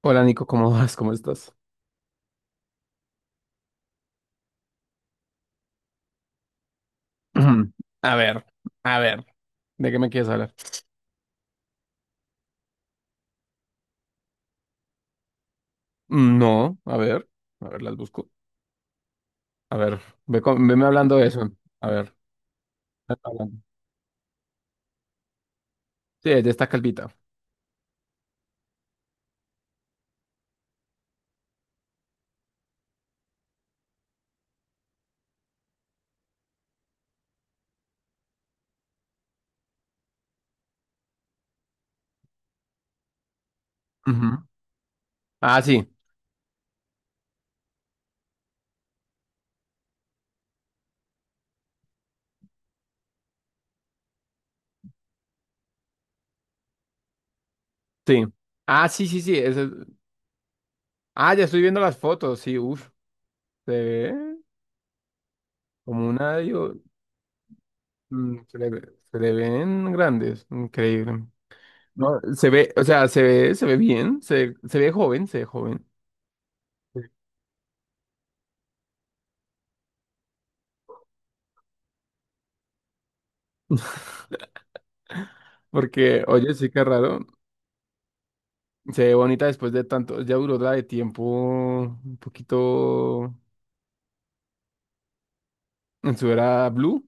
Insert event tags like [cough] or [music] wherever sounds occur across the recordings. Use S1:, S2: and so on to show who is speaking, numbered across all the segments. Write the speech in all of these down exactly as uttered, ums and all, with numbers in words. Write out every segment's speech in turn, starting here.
S1: Hola Nico, ¿cómo vas? ¿Cómo estás? [clears throat] A ver, a ver, ¿de qué me quieres hablar? Mm, No, a ver, a ver, las busco. A ver, ve con- veme hablando de eso. A ver, veme hablando. Sí, de esta calvita. Ujú. Ah, sí, sí. Ah, sí, sí, sí. ese- Ah, ya estoy viendo las fotos, sí, uff. Se ve como una... digo, mm, se le, ve- se le ven grandes, increíble. No, se ve, o sea, se ve, se ve bien, se, se ve joven, se ve joven. [laughs] Porque, oye, sí que raro. Se ve bonita después de tanto, ya duró la de tiempo un poquito en su era blue.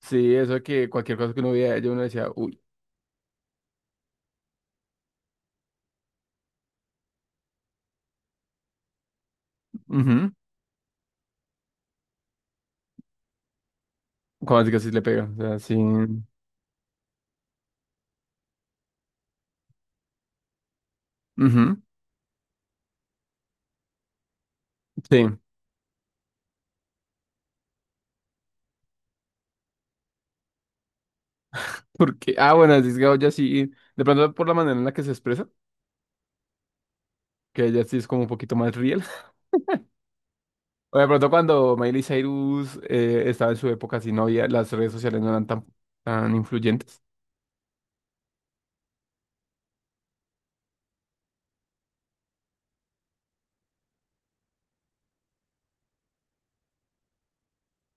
S1: Sí, eso que cualquier cosa que uno veía, yo uno decía, uy, mhm. Cuando así que así le pega, o sea, sí, ujú, sí, porque, ah, bueno, así es que ya sí, de pronto por la manera en la que se expresa, que ella sí es como un poquito más real. [laughs] O de pronto cuando Miley Cyrus eh, estaba en su época, así no había, las redes sociales no eran tan, tan influyentes.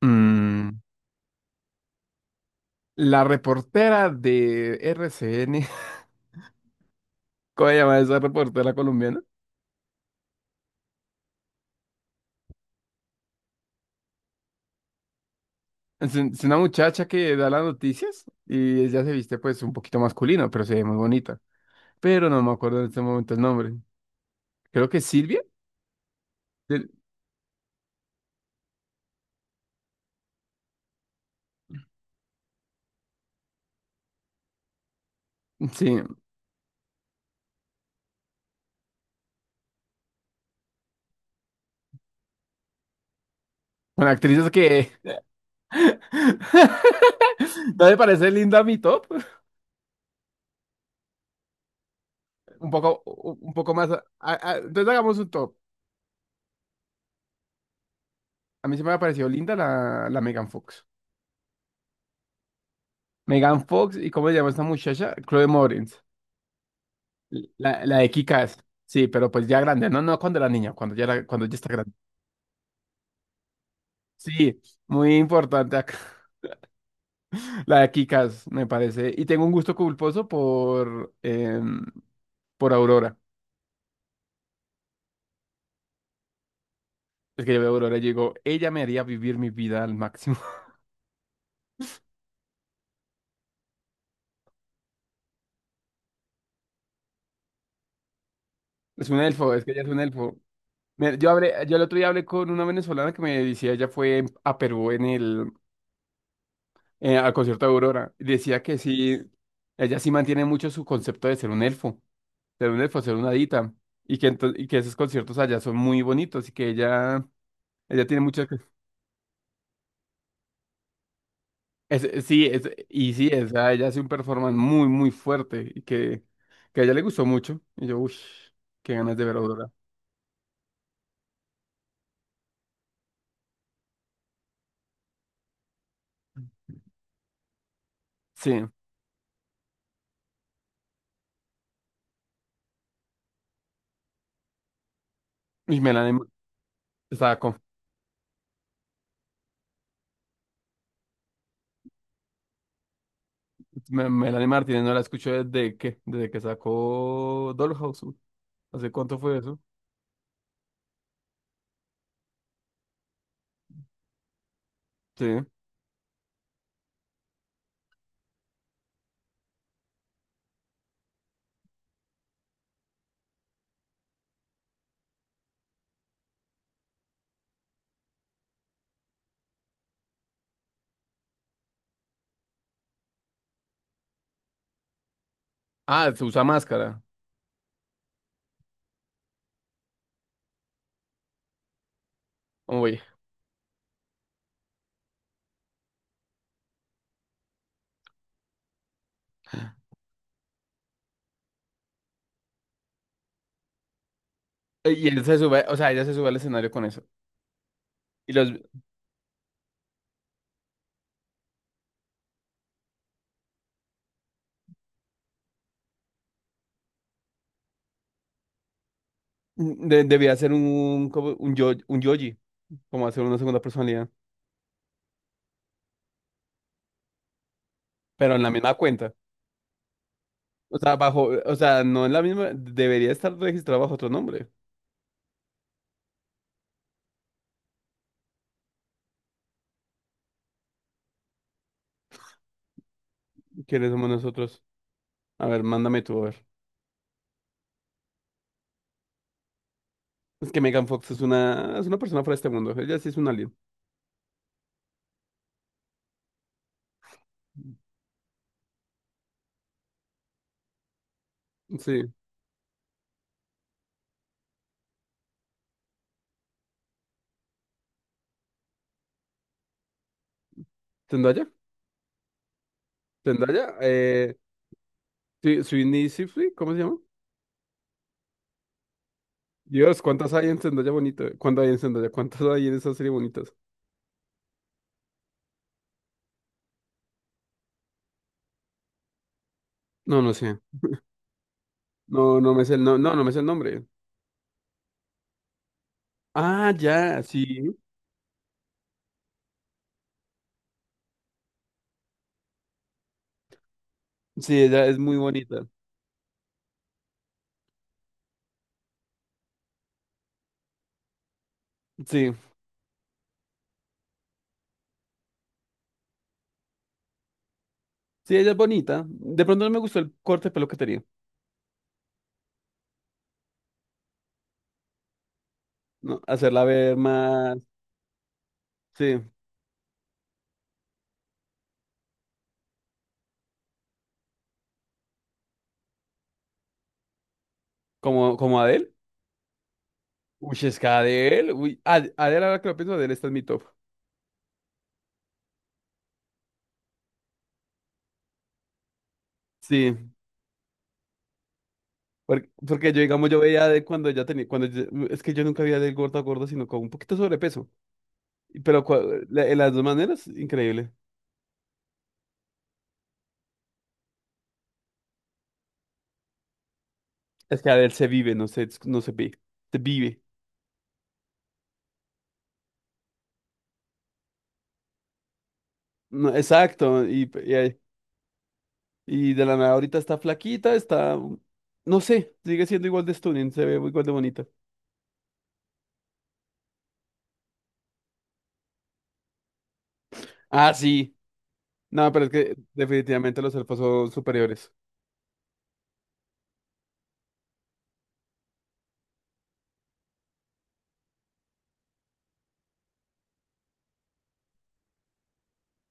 S1: Mm, La reportera de R C N. ¿Cómo se llama esa reportera colombiana? Es, un- es una muchacha que da las noticias y ella se viste pues un poquito masculino, pero se ve muy bonita. Pero no me acuerdo en este momento el nombre. Creo que es Silvia. Sil- Sí, una actriz que... [laughs] ¿No le parece linda mi top? Un poco, u- un poco más... a- a- a- Entonces hagamos un top. A mí se me ha parecido linda la, la Megan Fox. Megan Fox y ¿cómo se llama esta muchacha? Chloe Moretz. La, la de Kika es, sí, pero pues ya grande, no, no cuando era niña, cuando ya, era- cuando ya está grande. Sí, muy importante acá. [laughs] La de Kikas, me parece. Y tengo un gusto culposo por, em, por Aurora. Es que yo veo a Aurora y digo, ella me haría vivir mi vida al máximo. [laughs] Es un elfo, es que ella es un elfo. Me- Yo hablé, yo el otro día hablé con una venezolana que me decía, ella fue a Perú en el, eh, al concierto de Aurora. Y decía que sí, ella sí mantiene mucho su concepto de ser un elfo. Ser un esfuerzo, ser una dita, y que, ento- y que esos conciertos allá son muy bonitos y que ella, ella tiene muchas... que- es- es- sí, es, y sí, o sea, ella hace un performance muy, muy fuerte y que, que a ella le gustó mucho. Y yo, uff, qué ganas de ver a Aurora. Sí, y Melanie, estaba con- Melanie Martínez no la escucho desde que, desde que sacó Dollhouse. uh, ¿Hace cuánto fue eso? Sí. Ah, se usa máscara. Oye. Y él se sube, o sea, ella se sube al escenario con eso. Y los, Mm, De- debía hacer un, como un, yo, un yoji, como hacer una segunda personalidad, pero en la misma cuenta. O sea, bajo, o sea, no en la misma, debería estar registrado bajo otro nombre. ¿Quiénes somos nosotros? A ver, mándame tú, a ver. Es que Megan Fox es una, es una persona fuera de este mundo. Ella sí es un alien. Sí. ¿Zendaya? ¿Zendaya? Eh, sí, Sweeney Sifri, ¿cómo se llama? Dios, ¿cuántas hay en Zendaya bonito? ¿Cuántas hay en Zendaya? ¿Cuántas hay en esa serie bonitas? No, no sé. No, no me sé el, no, no, no me sé el nombre. Ah, ya, sí. Sí, ella es muy bonita. Sí, sí, ella es bonita. De pronto no me gustó el corte de pelo que tenía. No, hacerla ver más, sí, como, como Adele. Uy, es que Adele, uy, Ad- Adele, ahora que lo pienso, Adele está en mi top. Sí, porque, porque yo, digamos, yo veía a Adele cuando ella tenía, cuando yo- es que yo nunca vi a Adele gorda, gorda, sino con un poquito de sobrepeso. Pero cua- la- en las dos maneras, increíble. Es que Adele se vive, no se, no se ve, se vive. No, exacto, y, y, ahí- y de la nada ahorita está flaquita, está, no sé, sigue siendo igual de stunning, se ve igual de bonita. Ah, sí. No, pero es que definitivamente los elfos son superiores.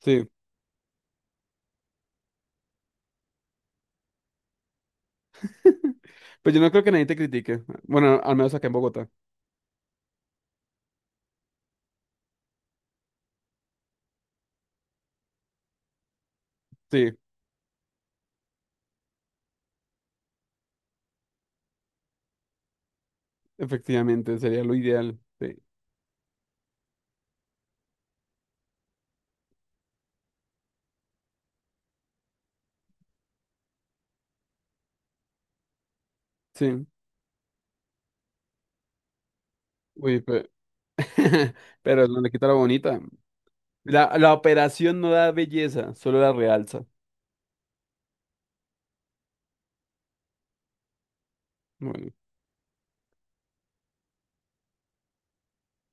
S1: Sí. Pues yo no creo que nadie te critique. Bueno, al menos acá en Bogotá. Sí, efectivamente, sería lo ideal. Sí. Sí. Uy, pero, [laughs] pero no le quita lo bonita. La, la operación no da belleza, solo la realza. Bueno.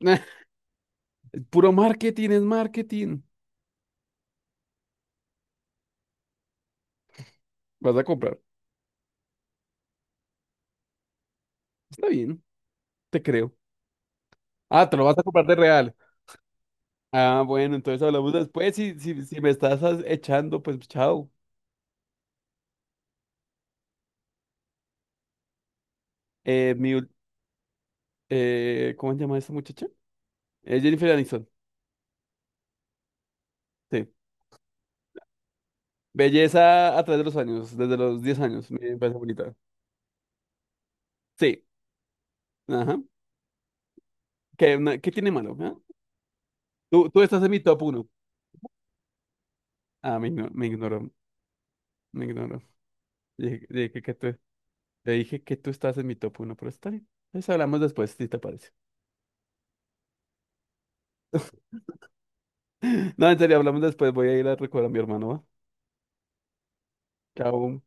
S1: [laughs] Puro marketing es marketing. Vas a comprar. Está bien, te creo. Ah, te lo vas a comprar de real. Ah, bueno, entonces hablamos después. Si, si, si me estás as- echando, pues chao. Eh, mi, ul- eh, ¿cómo se llama esta muchacha? Eh, Jennifer Aniston. Sí. Belleza a través de los años, desde los diez años, me parece bonita. Sí, ajá. ¿Qué, na- ¿qué tiene malo? ¿ah? Tú, tú estás en mi top uno. Ah, me ignoró, me ignoró, me ignoró. Dije- dije que- que tú- le dije que tú estás en mi top uno, pero está bien. Entonces hablamos después, si te parece. [laughs] No, en serio, hablamos después. Voy a ir a recordar a mi hermano, ¿va? Chao.